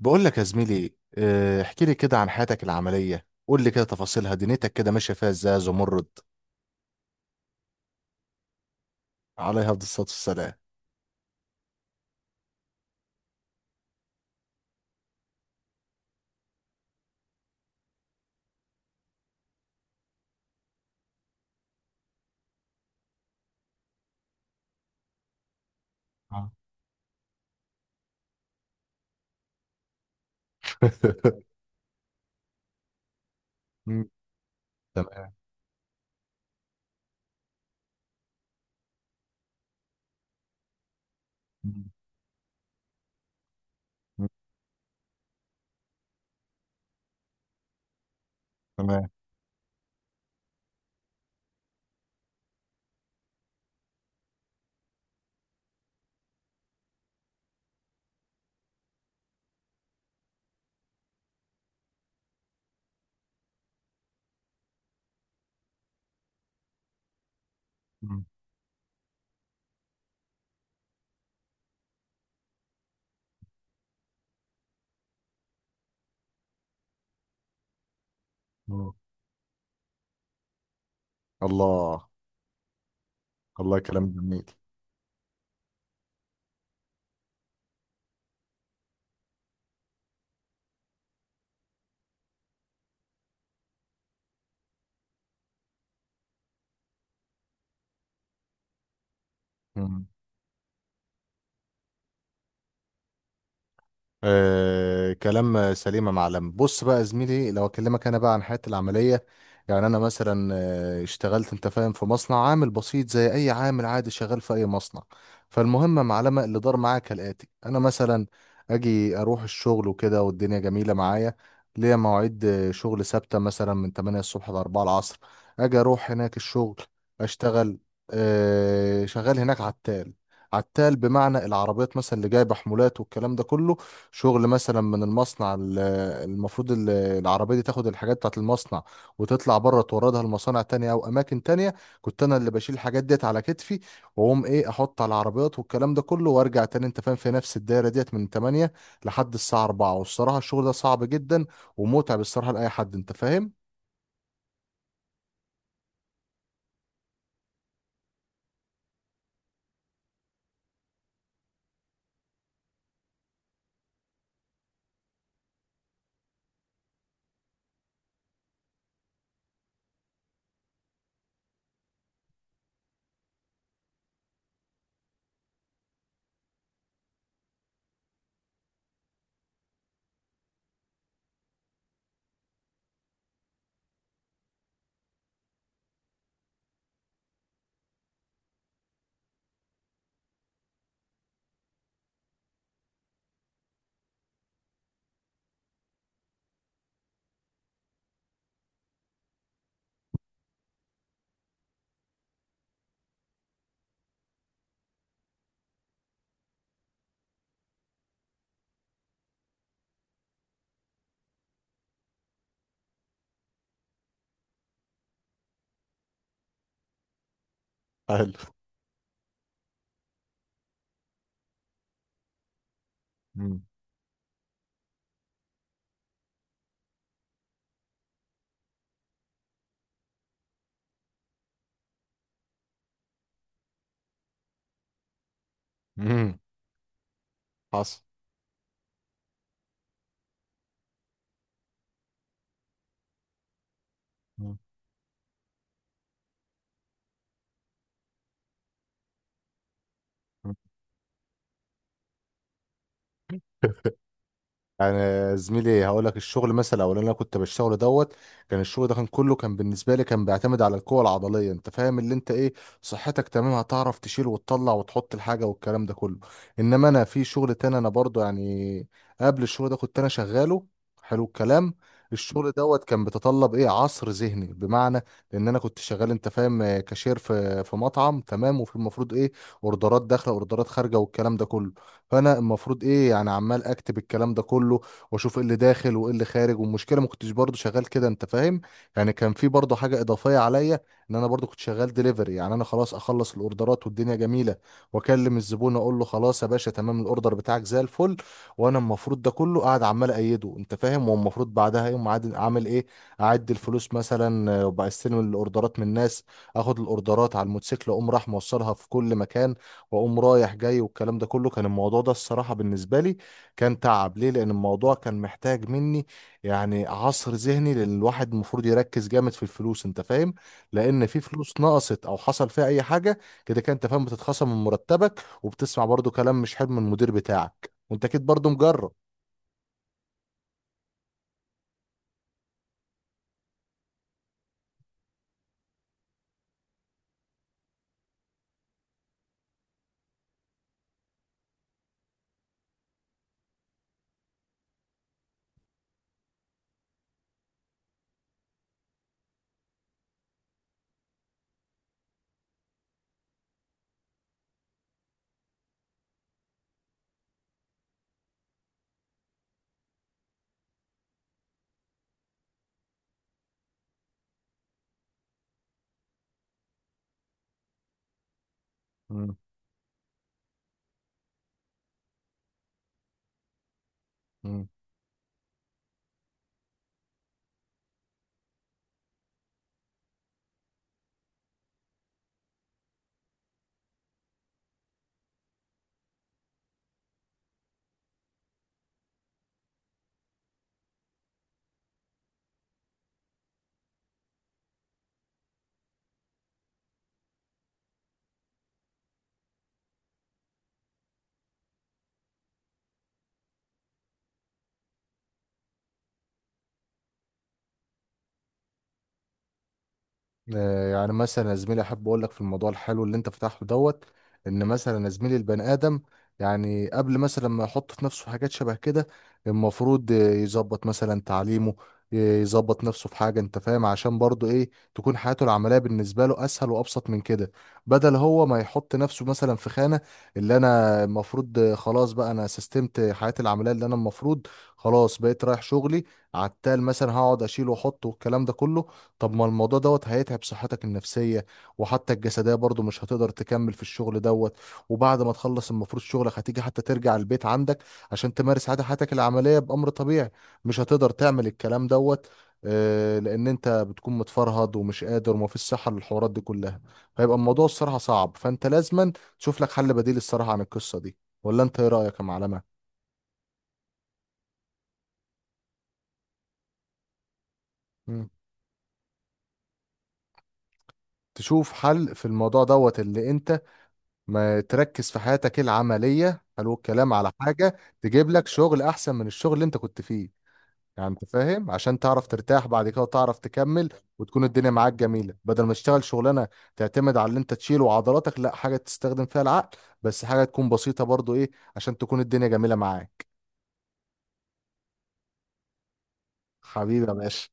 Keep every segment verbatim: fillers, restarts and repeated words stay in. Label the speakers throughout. Speaker 1: بقول لك يا زميلي آه، احكي لي كده عن حياتك العملية. قول لي كده تفاصيلها، دنيتك كده ماشية فيها ازاي يا زمرد؟ عليها أفضل الصلاة والسلام. آه. مم. تمام. مم. مم، تمام. مم. مم. الله. الله، كلام جميل. آه، كلام سليم يا معلم. بص بقى يا زميلي، لو اكلمك انا بقى عن حياتي العمليه، يعني انا مثلا آه، اشتغلت انت فاهم في مصنع عامل بسيط زي اي عامل عادي شغال في اي مصنع. فالمهم يا معلم اللي دار معايا كالاتي. انا مثلا اجي اروح الشغل وكده والدنيا جميله معايا. ليا مواعيد آه، شغل ثابته مثلا من تمانية الصبح ل أربعة العصر. اجي اروح هناك الشغل، اشتغل آه شغال هناك عتال. عتال بمعنى العربيات مثلا اللي جايبه حمولات والكلام ده كله. شغل مثلا من المصنع ال- المفروض ال- العربية دي تاخد الحاجات بتاعت المصنع وتطلع بره توردها لمصانع تانية أو أماكن تانية. كنت أنا اللي بشيل الحاجات ديت على كتفي وأقوم إيه أحط على العربيات والكلام ده كله وأرجع تاني أنت فاهم في نفس الدايرة ديت من تمانية لحد الساعة أربعة. والصراحة الشغل ده صعب جدا ومتعب الصراحة لأي حد أنت فاهم؟ حلو. مم. مم. حصل. مم. يعني زميلي، هقول لك الشغل مثلا او اللي انا كنت بشتغله دوت، كان الشغل ده كان كله كان بالنسبه لي كان بيعتمد على القوه العضليه. انت فاهم اللي انت ايه؟ صحتك تمام هتعرف تشيل وتطلع وتحط الحاجه والكلام ده كله. انما انا في شغل تاني انا برضو يعني قبل الشغل ده كنت انا شغاله. حلو الكلام. الشغل دوت كان بيتطلب ايه؟ عصر ذهني، بمعنى ان انا كنت شغال انت فاهم آه، كاشير في في مطعم تمام. وفي المفروض ايه، اوردرات داخله اوردرات خارجه والكلام ده كله. فانا المفروض ايه، يعني عمال اكتب الكلام ده كله واشوف ايه اللي داخل وايه اللي خارج. والمشكله ما كنتش برضه شغال كده انت فاهم. يعني كان في برضه حاجه اضافيه عليا، ان انا برضه كنت شغال دليفري. يعني انا خلاص اخلص الاوردرات والدنيا جميله واكلم الزبون اقول له خلاص يا باشا تمام الاوردر بتاعك زي الفل. وانا المفروض ده كله قاعد عمال ايده انت فاهم. والمفروض بعدها يوم عاد- اعمل ايه، اعد الفلوس مثلا آه، وبستلم الاوردرات من الناس، اخد الاوردرات على الموتوسيكل اقوم راح موصلها في كل مكان واقوم رايح جاي والكلام ده كله. كان الموضوع ده الصراحه بالنسبه لي كان تعب. ليه؟ لان الموضوع كان محتاج مني يعني عصر ذهني، لان الواحد المفروض يركز جامد في الفلوس انت فاهم. لان في فلوس نقصت او حصل فيها اي حاجه كده كده انت فاهم بتتخصم من مرتبك وبتسمع برضو كلام مش حلو من المدير بتاعك، وانت اكيد برضو مجرب. مم. مم. آه، يعني مثلا يا زميلي احب اقول لك في الموضوع الحلو اللي انت فتحته دوت، ان مثلا يا زميلي البني ادم يعني قبل مثلا ما يحط في نفسه حاجات شبه كده، المفروض آه، يظبط مثلا تعليمه، ي- يظبط نفسه في حاجه انت فاهم عشان برضه ايه، تكون حياته العمليه بالنسبه له اسهل وابسط من كده. بدل هو ما يحط نفسه مثلا في خانه، اللي انا المفروض آه، خلاص بقى انا سستمت حياتي العمليه اللي انا المفروض خلاص بقيت رايح شغلي عتال مثلا هقعد اشيله واحطه والكلام ده كله. طب ما الموضوع دوت هيتعب صحتك النفسية وحتى الجسدية برضو، مش هتقدر تكمل في الشغل دوت. وبعد ما تخلص المفروض شغلك هتيجي حتى ترجع البيت عندك عشان تمارس عادة حياتك العملية بأمر طبيعي، مش هتقدر تعمل الكلام دوت. آه، لأن أنت بتكون متفرهد ومش قادر ومفيش صحة للحوارات دي كلها. فيبقى الموضوع الصراحة صعب، فأنت لازما تشوف لك حل بديل الصراحة عن القصة دي. ولا أنت إيه رأيك يا معلمة؟ مم. تشوف حل في الموضوع دوت اللي أنت ما تركز في حياتك العملية، حلو الكلام، على حاجة تجيب لك شغل أحسن من الشغل اللي أنت كنت فيه. يعني أنت فاهم عشان تعرف ترتاح بعد كده وتعرف تكمل وتكون الدنيا معاك جميلة. بدل ما تشتغل شغلانة تعتمد على اللي أنت تشيله وعضلاتك، لا حاجة تستخدم فيها العقل بس حاجة تكون بسيطة برضو إيه، عشان تكون الدنيا جميلة معاك. حبيبي يا باشا.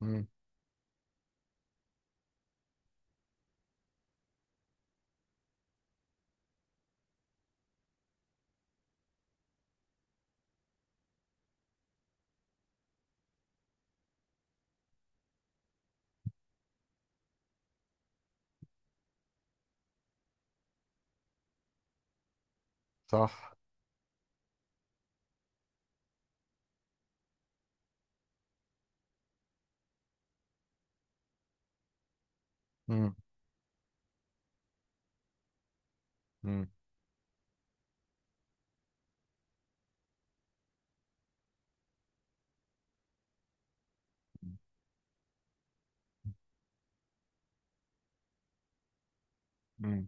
Speaker 1: مم، صح. مم، مم، مم.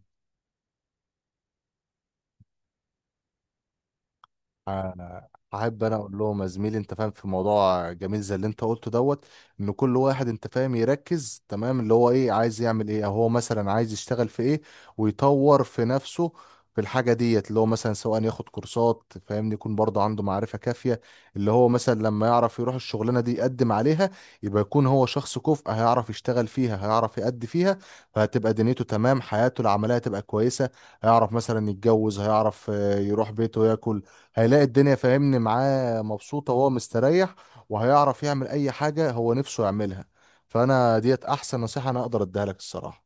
Speaker 1: آه. احب انا اقول لهم يا زميلي انت فاهم في موضوع جميل زي اللي انت قلته دوت، ان كل واحد انت فاهم يركز تمام اللي هو ايه، عايز يعمل ايه او هو مثلا عايز يشتغل في ايه ويطور في نفسه في الحاجه ديت. اللي هو مثلا سواء ياخد كورسات فاهمني، يكون برضه عنده معرفه كافيه اللي هو مثلا لما يعرف يروح الشغلانه دي يقدم عليها يبقى يكون هو شخص كفء. هيعرف يشتغل فيها، هيعرف يأدي فيها، فهتبقى دنيته تمام، حياته العمليه تبقى كويسه. هيعرف مثلا يتجوز، هيعرف آه، يروح بيته ياكل، هيلاقي الدنيا فاهمني معاه مبسوطة وهو مستريح، وهيعرف يعمل أي حاجة هو نفسه يعملها. فأنا ديت أحسن نصيحة أنا أقدر أديها لك الصراحة.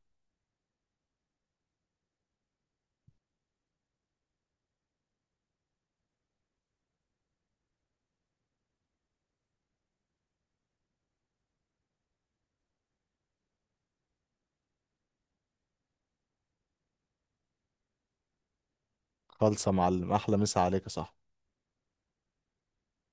Speaker 1: خالصة يا معلم، أحلى مسا عليك يا صاحبي.